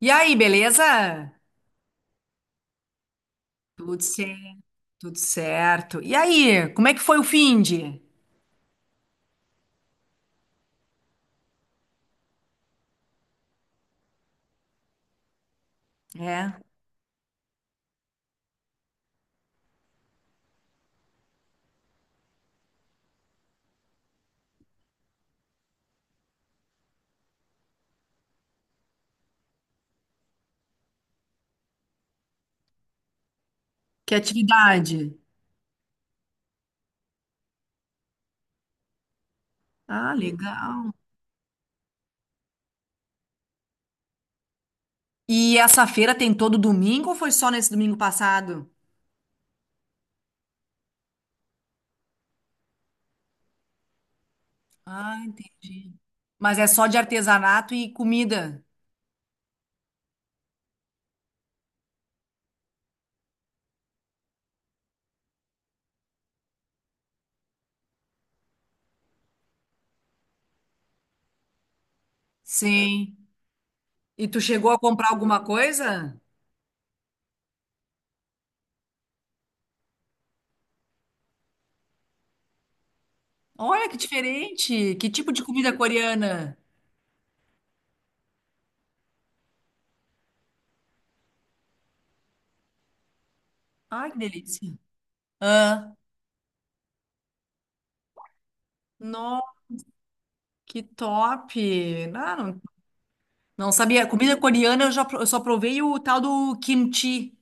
E aí, beleza? Tudo certo, tudo certo. E aí, como é que foi o finde? É, que atividade? Ah, legal. E essa feira tem todo domingo ou foi só nesse domingo passado? Ah, entendi. Mas é só de artesanato e comida? Sim. E tu chegou a comprar alguma coisa? Olha que diferente! Que tipo de comida coreana? Ai, que delícia. Ah, nossa, que top! Não, não. Não sabia. Comida coreana eu só provei o tal do kimchi.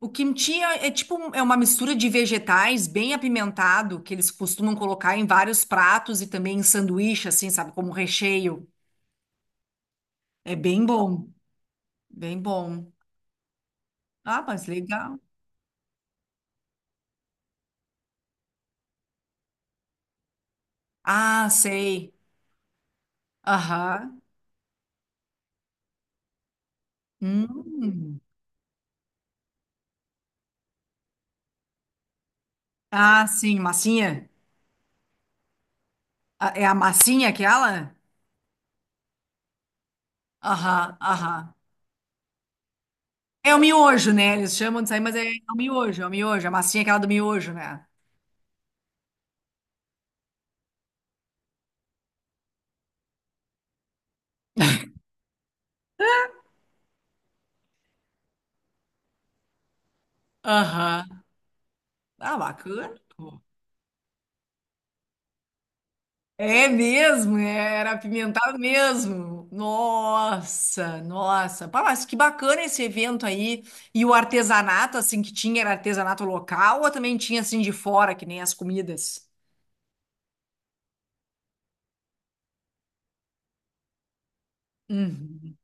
O kimchi é tipo é uma mistura de vegetais bem apimentado que eles costumam colocar em vários pratos e também em sanduíche, assim, sabe, como recheio. É bem bom, bem bom. Ah, mas legal. Ah, sei. Aham. Hum. Ah, sim, massinha. Ah, é a massinha aquela? Aham, aham. É o miojo, né? Eles chamam disso aí, mas é o miojo, a massinha é aquela do miojo, né? Aham. Ah, bacana. Pô. É mesmo, é, era apimentado mesmo. Nossa, nossa. Pá, mas que bacana esse evento aí. E o artesanato, assim, que tinha, era artesanato local ou também tinha, assim, de fora, que nem as comidas? Uhum.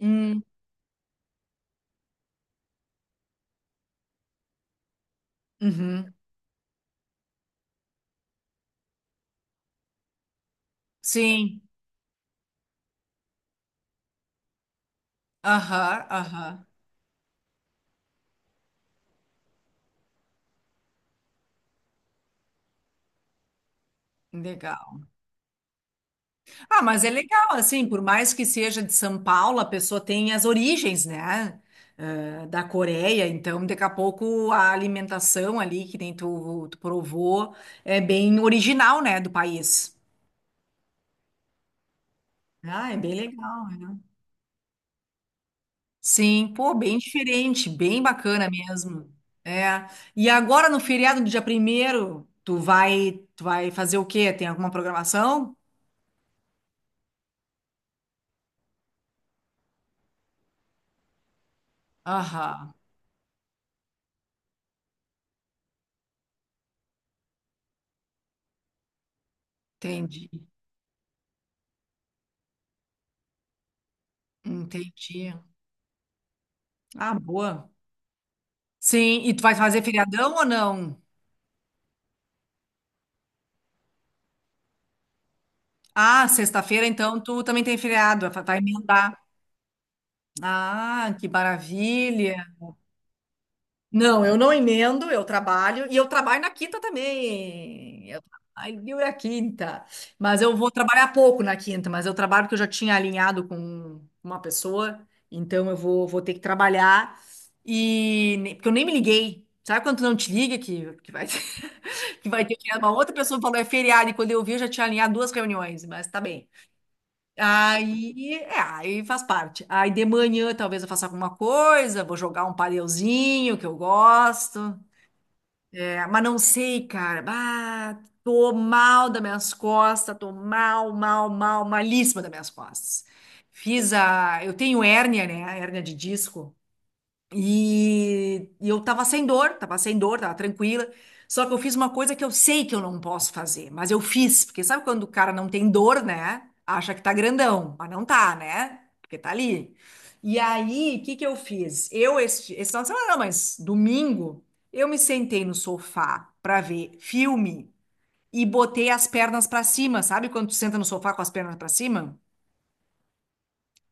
Hum, uhum. Sim. Aham, aham. Legal. Ah, mas é legal, assim, por mais que seja de São Paulo, a pessoa tem as origens, né? Eh, da Coreia, então daqui a pouco a alimentação ali, que nem tu, tu provou, é bem original, né, do país. Ah, é bem legal, né? Sim, pô, bem diferente, bem bacana mesmo. É. E agora no feriado do dia primeiro, tu vai fazer o quê? Tem alguma programação? Aham, entendi, entendi. Ah, boa. Sim, e tu vai fazer feriadão ou não? Ah, sexta-feira, então tu também tem feriado, vai vai emendar. Ah, que maravilha. Não, eu não emendo, eu trabalho, e eu trabalho na quinta também. Eu trabalho na quinta. Mas eu vou trabalhar pouco na quinta, mas eu trabalho porque eu já tinha alinhado com uma pessoa, então eu vou ter que trabalhar. Porque eu nem me liguei. Sabe quando tu não te liga que, que vai ter que uma outra pessoa falou é feriado e quando eu vi eu já tinha alinhado duas reuniões, mas tá bem. Aí, é, aí faz parte. Aí de manhã talvez eu faça alguma coisa, vou jogar um padelzinho que eu gosto. É, mas não sei, cara. Ah, tô mal das minhas costas, tô mal, mal, mal, malíssima das minhas costas. Eu tenho hérnia, né? Hérnia de disco. E eu tava sem dor, tava sem dor, tava tranquila. Só que eu fiz uma coisa que eu sei que eu não posso fazer, mas eu fiz, porque sabe quando o cara não tem dor, né? Acha que tá grandão, mas não tá, né? Porque tá ali. E aí, o que que eu fiz? Esse final de semana, não, mas domingo, eu me sentei no sofá pra ver filme e botei as pernas pra cima, sabe? Quando tu senta no sofá com as pernas pra cima?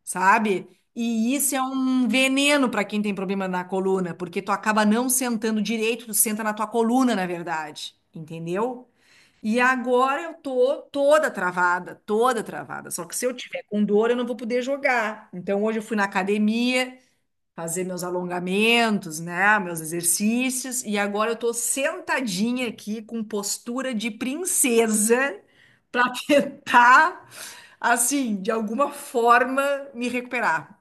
Sabe? E isso é um veneno para quem tem problema na coluna, porque tu acaba não sentando direito, tu senta na tua coluna, na verdade, entendeu? E agora eu tô toda travada, toda travada. Só que se eu tiver com dor, eu não vou poder jogar. Então hoje eu fui na academia, fazer meus alongamentos, né, meus exercícios, e agora eu tô sentadinha aqui com postura de princesa para tentar, assim, de alguma forma me recuperar.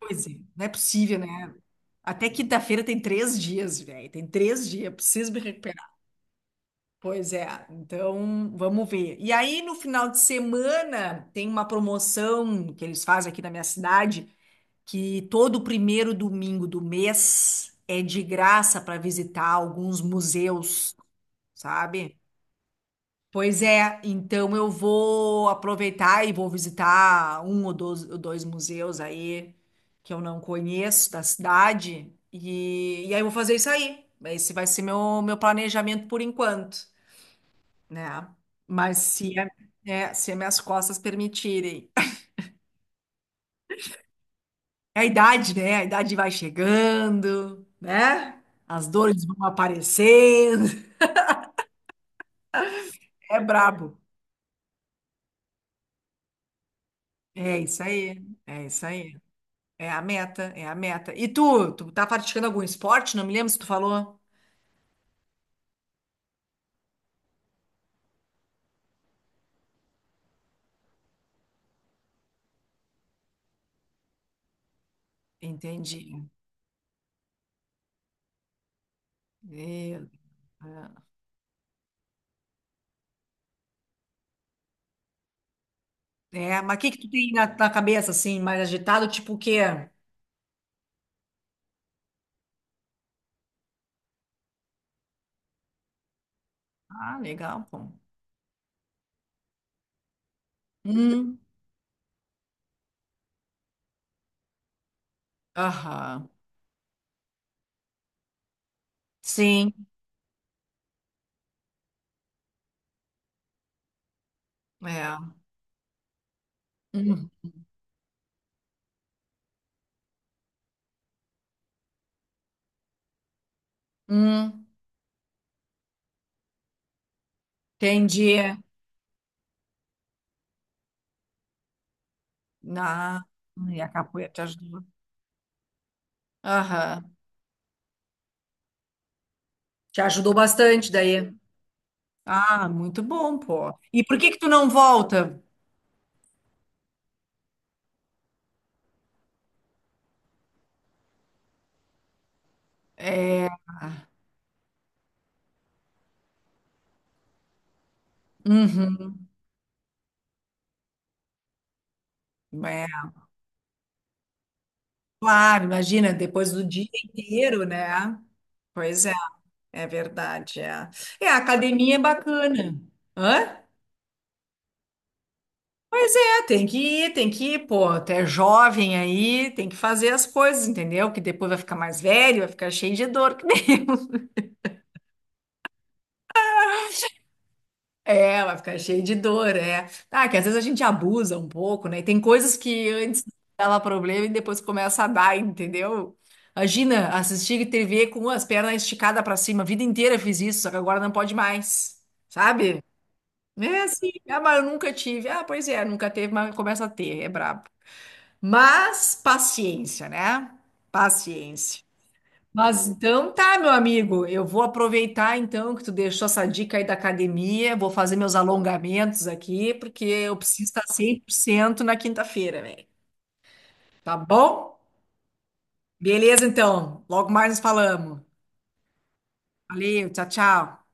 Pois é, não é possível, né? Até quinta-feira tem três dias, velho. Tem três dias, preciso me recuperar. Pois é, então vamos ver. E aí, no final de semana, tem uma promoção que eles fazem aqui na minha cidade que todo primeiro domingo do mês é de graça para visitar alguns museus, sabe? Pois é, então eu vou aproveitar e vou visitar um ou dois museus aí que eu não conheço da cidade e aí eu vou fazer isso aí. Esse vai ser meu, meu planejamento por enquanto, né? Mas se, é, é, se as minhas costas permitirem. É. A idade, né? A idade vai chegando, né? As dores vão aparecendo. É brabo. É isso aí. É isso aí. É a meta, é a meta. E tu tá praticando algum esporte? Não me lembro se tu falou. Entendi. Meu Deus. É, mas o que que tu tem na cabeça, assim, mais agitado? Tipo o quê? Ah, legal, pô. Hum, aham. Sim, é. Hum, hum, entendi. Ah, e a capoeira te ajudou. Aham. Te ajudou bastante daí. Ah, muito bom, pô. E por que que tu não volta? É, uhum, é, claro, imagina, depois do dia inteiro, né? Pois é, é verdade, é. É, a academia é bacana. Hã? É, tem que ir, pô, tu é jovem aí, tem que fazer as coisas, entendeu? Que depois vai ficar mais velho, vai ficar cheio de dor, que nem eu. É, vai ficar cheio de dor, é. Ah, que às vezes a gente abusa um pouco, né? E tem coisas que antes dava problema e depois começa a dar, entendeu? Imagina assistir TV com as pernas esticadas pra cima. A vida inteira fiz isso, só que agora não pode mais, sabe? É assim, ah, mas eu nunca tive. Ah, pois é, nunca teve, mas começa a ter, é brabo. Mas paciência, né? Paciência. Mas então tá, meu amigo, eu vou aproveitar então que tu deixou essa dica aí da academia, vou fazer meus alongamentos aqui, porque eu preciso estar 100% na quinta-feira, velho. Tá bom? Beleza, então. Logo mais nos falamos. Valeu, tchau, tchau.